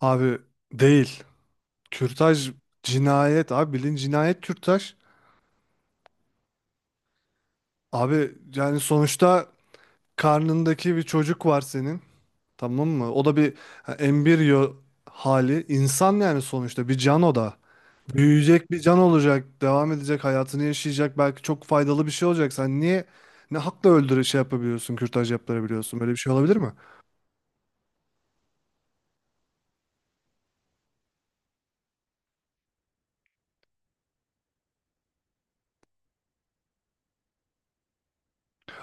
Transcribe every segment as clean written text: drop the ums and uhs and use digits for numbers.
Abi değil. Kürtaj cinayet abi bilin cinayet kürtaj. Abi yani sonuçta karnındaki bir çocuk var senin. Tamam mı? O da bir ha, embriyo hali. İnsan yani sonuçta bir can o da. Büyüyecek bir can olacak. Devam edecek hayatını yaşayacak. Belki çok faydalı bir şey olacak. Sen niye ne hakla şey yapabiliyorsun, kürtaj yaptırabiliyorsun? Böyle bir şey olabilir mi?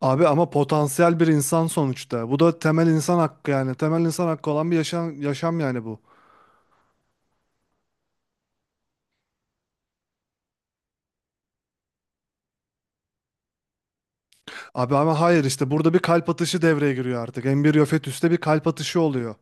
Abi ama potansiyel bir insan sonuçta. Bu da temel insan hakkı yani. Temel insan hakkı olan bir yaşam, yaşam yani bu. Abi ama hayır işte burada bir kalp atışı devreye giriyor artık. Embriyo fetüste bir kalp atışı oluyor.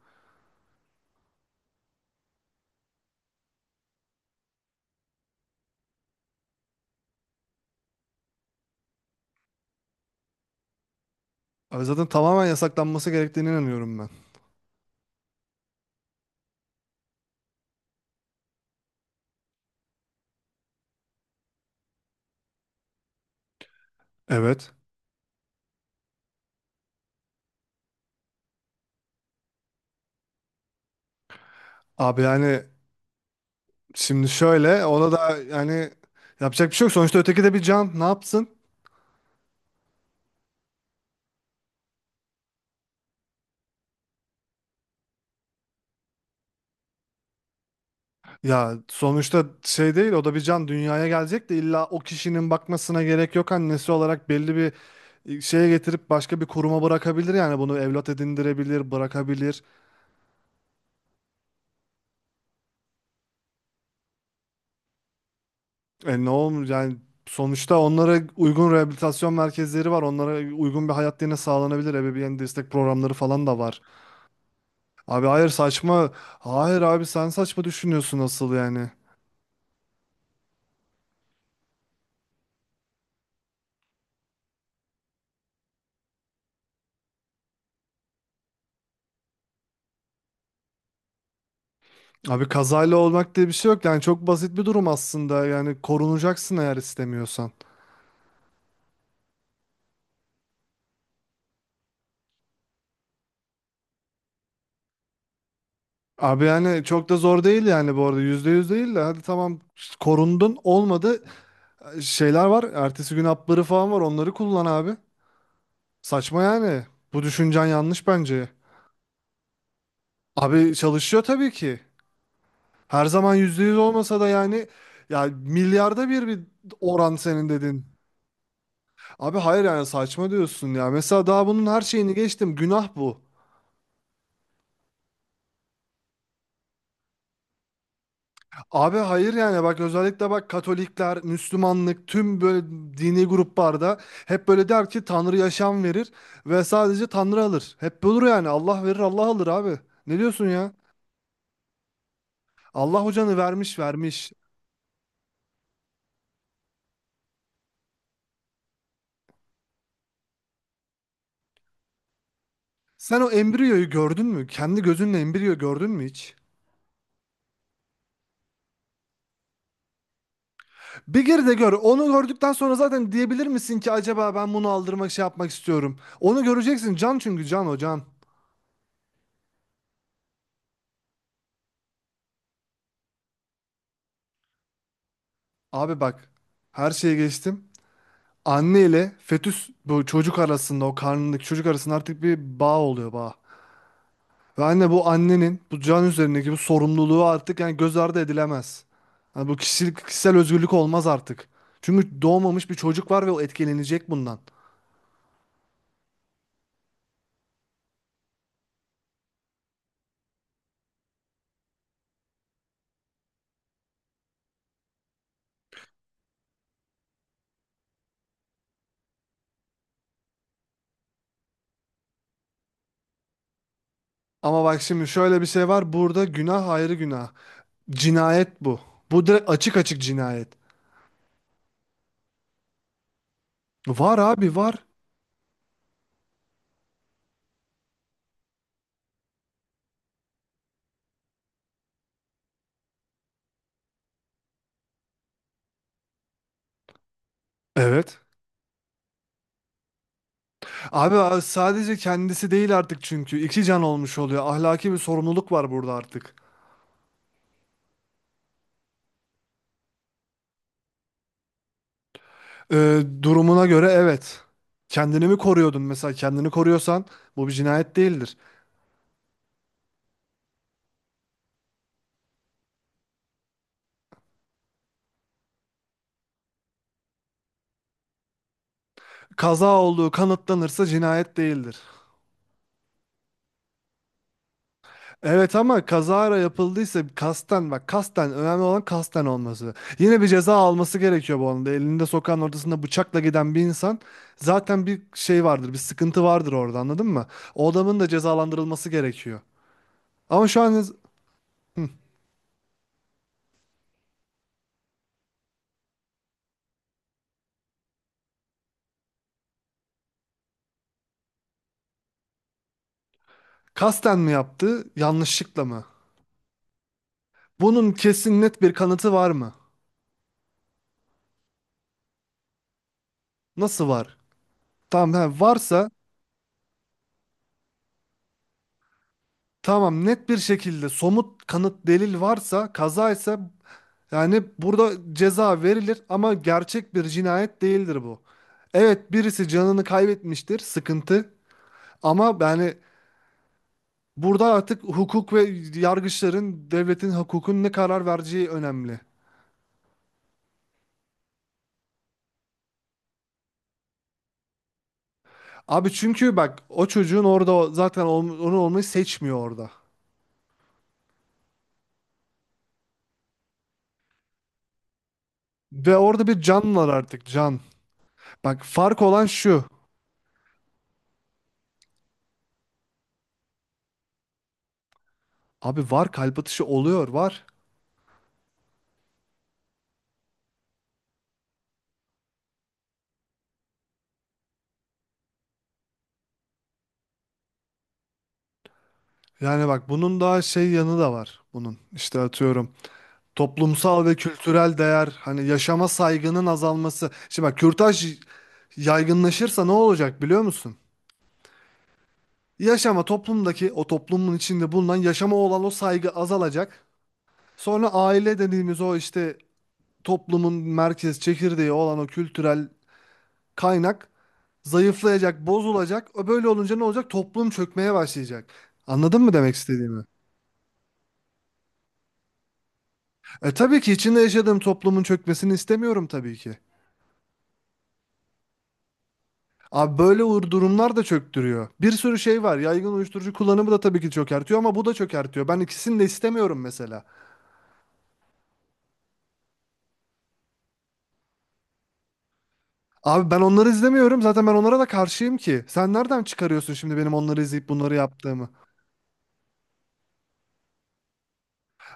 Abi zaten tamamen yasaklanması gerektiğine inanıyorum ben. Evet. Abi yani şimdi şöyle ona da yani yapacak bir şey yok. Sonuçta öteki de bir can ne yapsın? Ya sonuçta şey değil, o da bir can dünyaya gelecek de illa o kişinin bakmasına gerek yok. Annesi olarak belli bir şeye getirip başka bir kuruma bırakabilir, yani bunu evlat edindirebilir, bırakabilir. E ne olur yani, sonuçta onlara uygun rehabilitasyon merkezleri var. Onlara uygun bir hayat yine sağlanabilir. Ebeveyn destek programları falan da var. Abi hayır, saçma. Hayır abi, sen saçma düşünüyorsun asıl yani. Abi kazayla olmak diye bir şey yok. Yani çok basit bir durum aslında. Yani korunacaksın eğer istemiyorsan. Abi yani çok da zor değil yani bu arada. Yüzde yüz değil de, hadi tamam, korundun olmadı. Şeyler var. Ertesi gün hapları falan var. Onları kullan abi. Saçma yani. Bu düşüncen yanlış bence. Abi çalışıyor tabii ki. Her zaman %100 olmasa da yani, ya milyarda bir, bir oran senin dedin. Abi hayır yani saçma diyorsun ya. Mesela daha bunun her şeyini geçtim. Günah bu. Abi hayır yani bak, özellikle bak, Katolikler, Müslümanlık, tüm böyle dini gruplarda hep böyle der ki Tanrı yaşam verir ve sadece Tanrı alır. Hep olur yani, Allah verir Allah alır abi. Ne diyorsun ya? Allah hocanı vermiş vermiş. Sen o embriyoyu gördün mü? Kendi gözünle embriyo gördün mü hiç? Bir gir de gör. Onu gördükten sonra zaten diyebilir misin ki acaba ben bunu aldırmak şey yapmak istiyorum. Onu göreceksin. Can, çünkü can, o can. Abi bak, her şeye geçtim. Anne ile fetüs, bu çocuk arasında, o karnındaki çocuk arasında artık bir bağ oluyor, bağ. Ve anne, bu annenin bu can üzerindeki bu sorumluluğu artık yani göz ardı edilemez. Yani bu kişisel özgürlük olmaz artık. Çünkü doğmamış bir çocuk var ve o etkilenecek bundan. Ama bak şimdi şöyle bir şey var. Burada günah ayrı, günah. Cinayet bu. Bu direkt açık açık cinayet. Var abi, var. Evet. Abi sadece kendisi değil artık çünkü. İki can olmuş oluyor. Ahlaki bir sorumluluk var burada artık. Durumuna göre evet. Kendini mi koruyordun mesela? Kendini koruyorsan bu bir cinayet değildir. Kaza olduğu kanıtlanırsa cinayet değildir. Evet ama kazara yapıldıysa, kasten bak, kasten önemli olan, kasten olması. Yine bir ceza alması gerekiyor bu anda. Elinde sokağın ortasında bıçakla giden bir insan, zaten bir şey vardır, bir sıkıntı vardır orada, anladın mı? O adamın da cezalandırılması gerekiyor. Ama şu an, kasten mi yaptı, yanlışlıkla mı? Bunun kesin net bir kanıtı var mı? Nasıl var? Tamam he, varsa tamam, net bir şekilde somut kanıt, delil varsa, kazaysa, yani burada ceza verilir ama gerçek bir cinayet değildir bu. Evet, birisi canını kaybetmiştir, sıkıntı. Ama yani burada artık hukuk ve yargıçların, devletin, hukukun ne karar vereceği önemli. Abi çünkü bak, o çocuğun orada zaten onu olmayı seçmiyor orada. Ve orada bir can var artık, can. Bak, fark olan şu. Abi var, kalp atışı oluyor, var. Yani bak, bunun daha şey yanı da var bunun. İşte atıyorum. Toplumsal ve kültürel değer, hani yaşama saygının azalması. Şimdi bak, kürtaj yaygınlaşırsa ne olacak biliyor musun? Yaşama, toplumdaki o toplumun içinde bulunan yaşama olan o saygı azalacak. Sonra aile dediğimiz o işte, toplumun merkez çekirdeği olan o kültürel kaynak zayıflayacak, bozulacak. O böyle olunca ne olacak? Toplum çökmeye başlayacak. Anladın mı demek istediğimi? E tabii ki içinde yaşadığım toplumun çökmesini istemiyorum tabii ki. Abi böyle uğur durumlar da çöktürüyor. Bir sürü şey var. Yaygın uyuşturucu kullanımı da tabii ki çökertiyor ama bu da çökertiyor. Ben ikisini de istemiyorum mesela. Abi ben onları izlemiyorum. Zaten ben onlara da karşıyım ki. Sen nereden çıkarıyorsun şimdi benim onları izleyip bunları yaptığımı?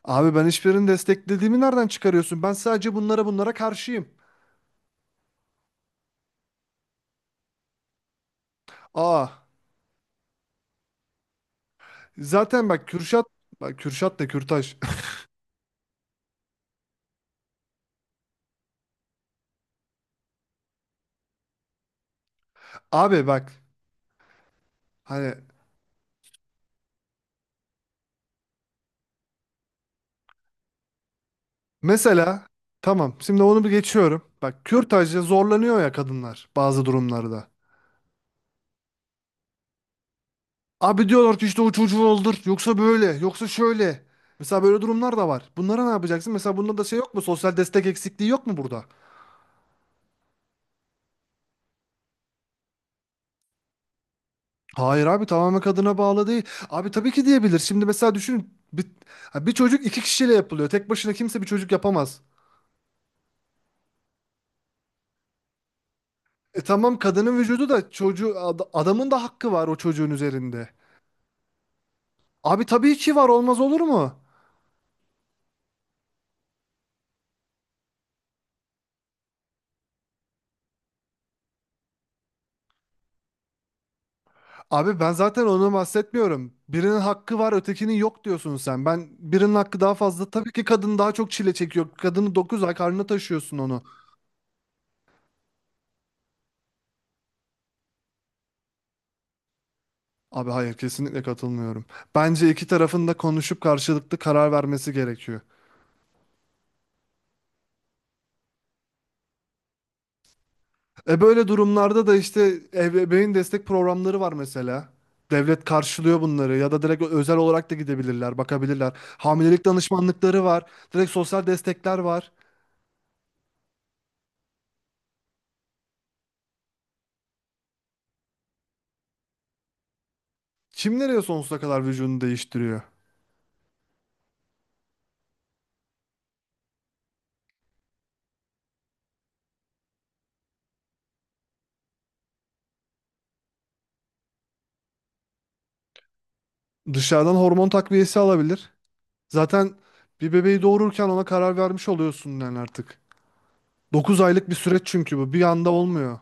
Abi ben hiçbirini desteklediğimi nereden çıkarıyorsun? Ben sadece bunlara karşıyım. Aa. Zaten bak Kürşat, bak Kürşat da Kürtaş. Abi bak hani mesela, tamam, şimdi onu bir geçiyorum. Bak, kürtajda zorlanıyor ya kadınlar bazı durumlarda. Abi diyorlar ki işte o çocuğu öldür. Yoksa böyle, yoksa şöyle. Mesela böyle durumlar da var. Bunlara ne yapacaksın? Mesela bunda da şey yok mu? Sosyal destek eksikliği yok mu burada? Hayır abi, tamamen kadına bağlı değil. Abi tabii ki diyebilir. Şimdi mesela düşünün. Bir çocuk iki kişiyle yapılıyor. Tek başına kimse bir çocuk yapamaz. E tamam, kadının vücudu da, çocuğu adamın da hakkı var o çocuğun üzerinde. Abi tabii ki var, olmaz olur mu? Abi ben zaten onu bahsetmiyorum. Birinin hakkı var, ötekinin yok diyorsun sen. Ben birinin hakkı daha fazla. Tabii ki kadın daha çok çile çekiyor. Kadını 9 ay karnına taşıyorsun onu. Abi hayır, kesinlikle katılmıyorum. Bence iki tarafın da konuşup karşılıklı karar vermesi gerekiyor. E böyle durumlarda da işte ebeveyn destek programları var mesela. Devlet karşılıyor bunları, ya da direkt özel olarak da gidebilirler, bakabilirler. Hamilelik danışmanlıkları var, direkt sosyal destekler var. Kim nereye sonsuza kadar vücudunu değiştiriyor? Dışarıdan hormon takviyesi alabilir. Zaten bir bebeği doğururken ona karar vermiş oluyorsun yani artık. 9 aylık bir süreç çünkü bu. Bir anda olmuyor.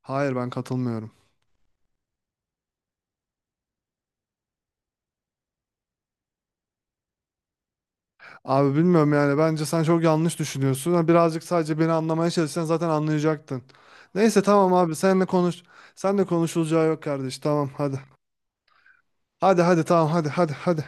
Hayır, ben katılmıyorum. Abi bilmiyorum yani, bence sen çok yanlış düşünüyorsun. Ha, Birazcık sadece beni anlamaya çalışsan zaten anlayacaktın. Neyse tamam abi, senle konuş. Senle konuşulacağı yok kardeş. Tamam hadi. Hadi hadi, tamam, hadi hadi hadi.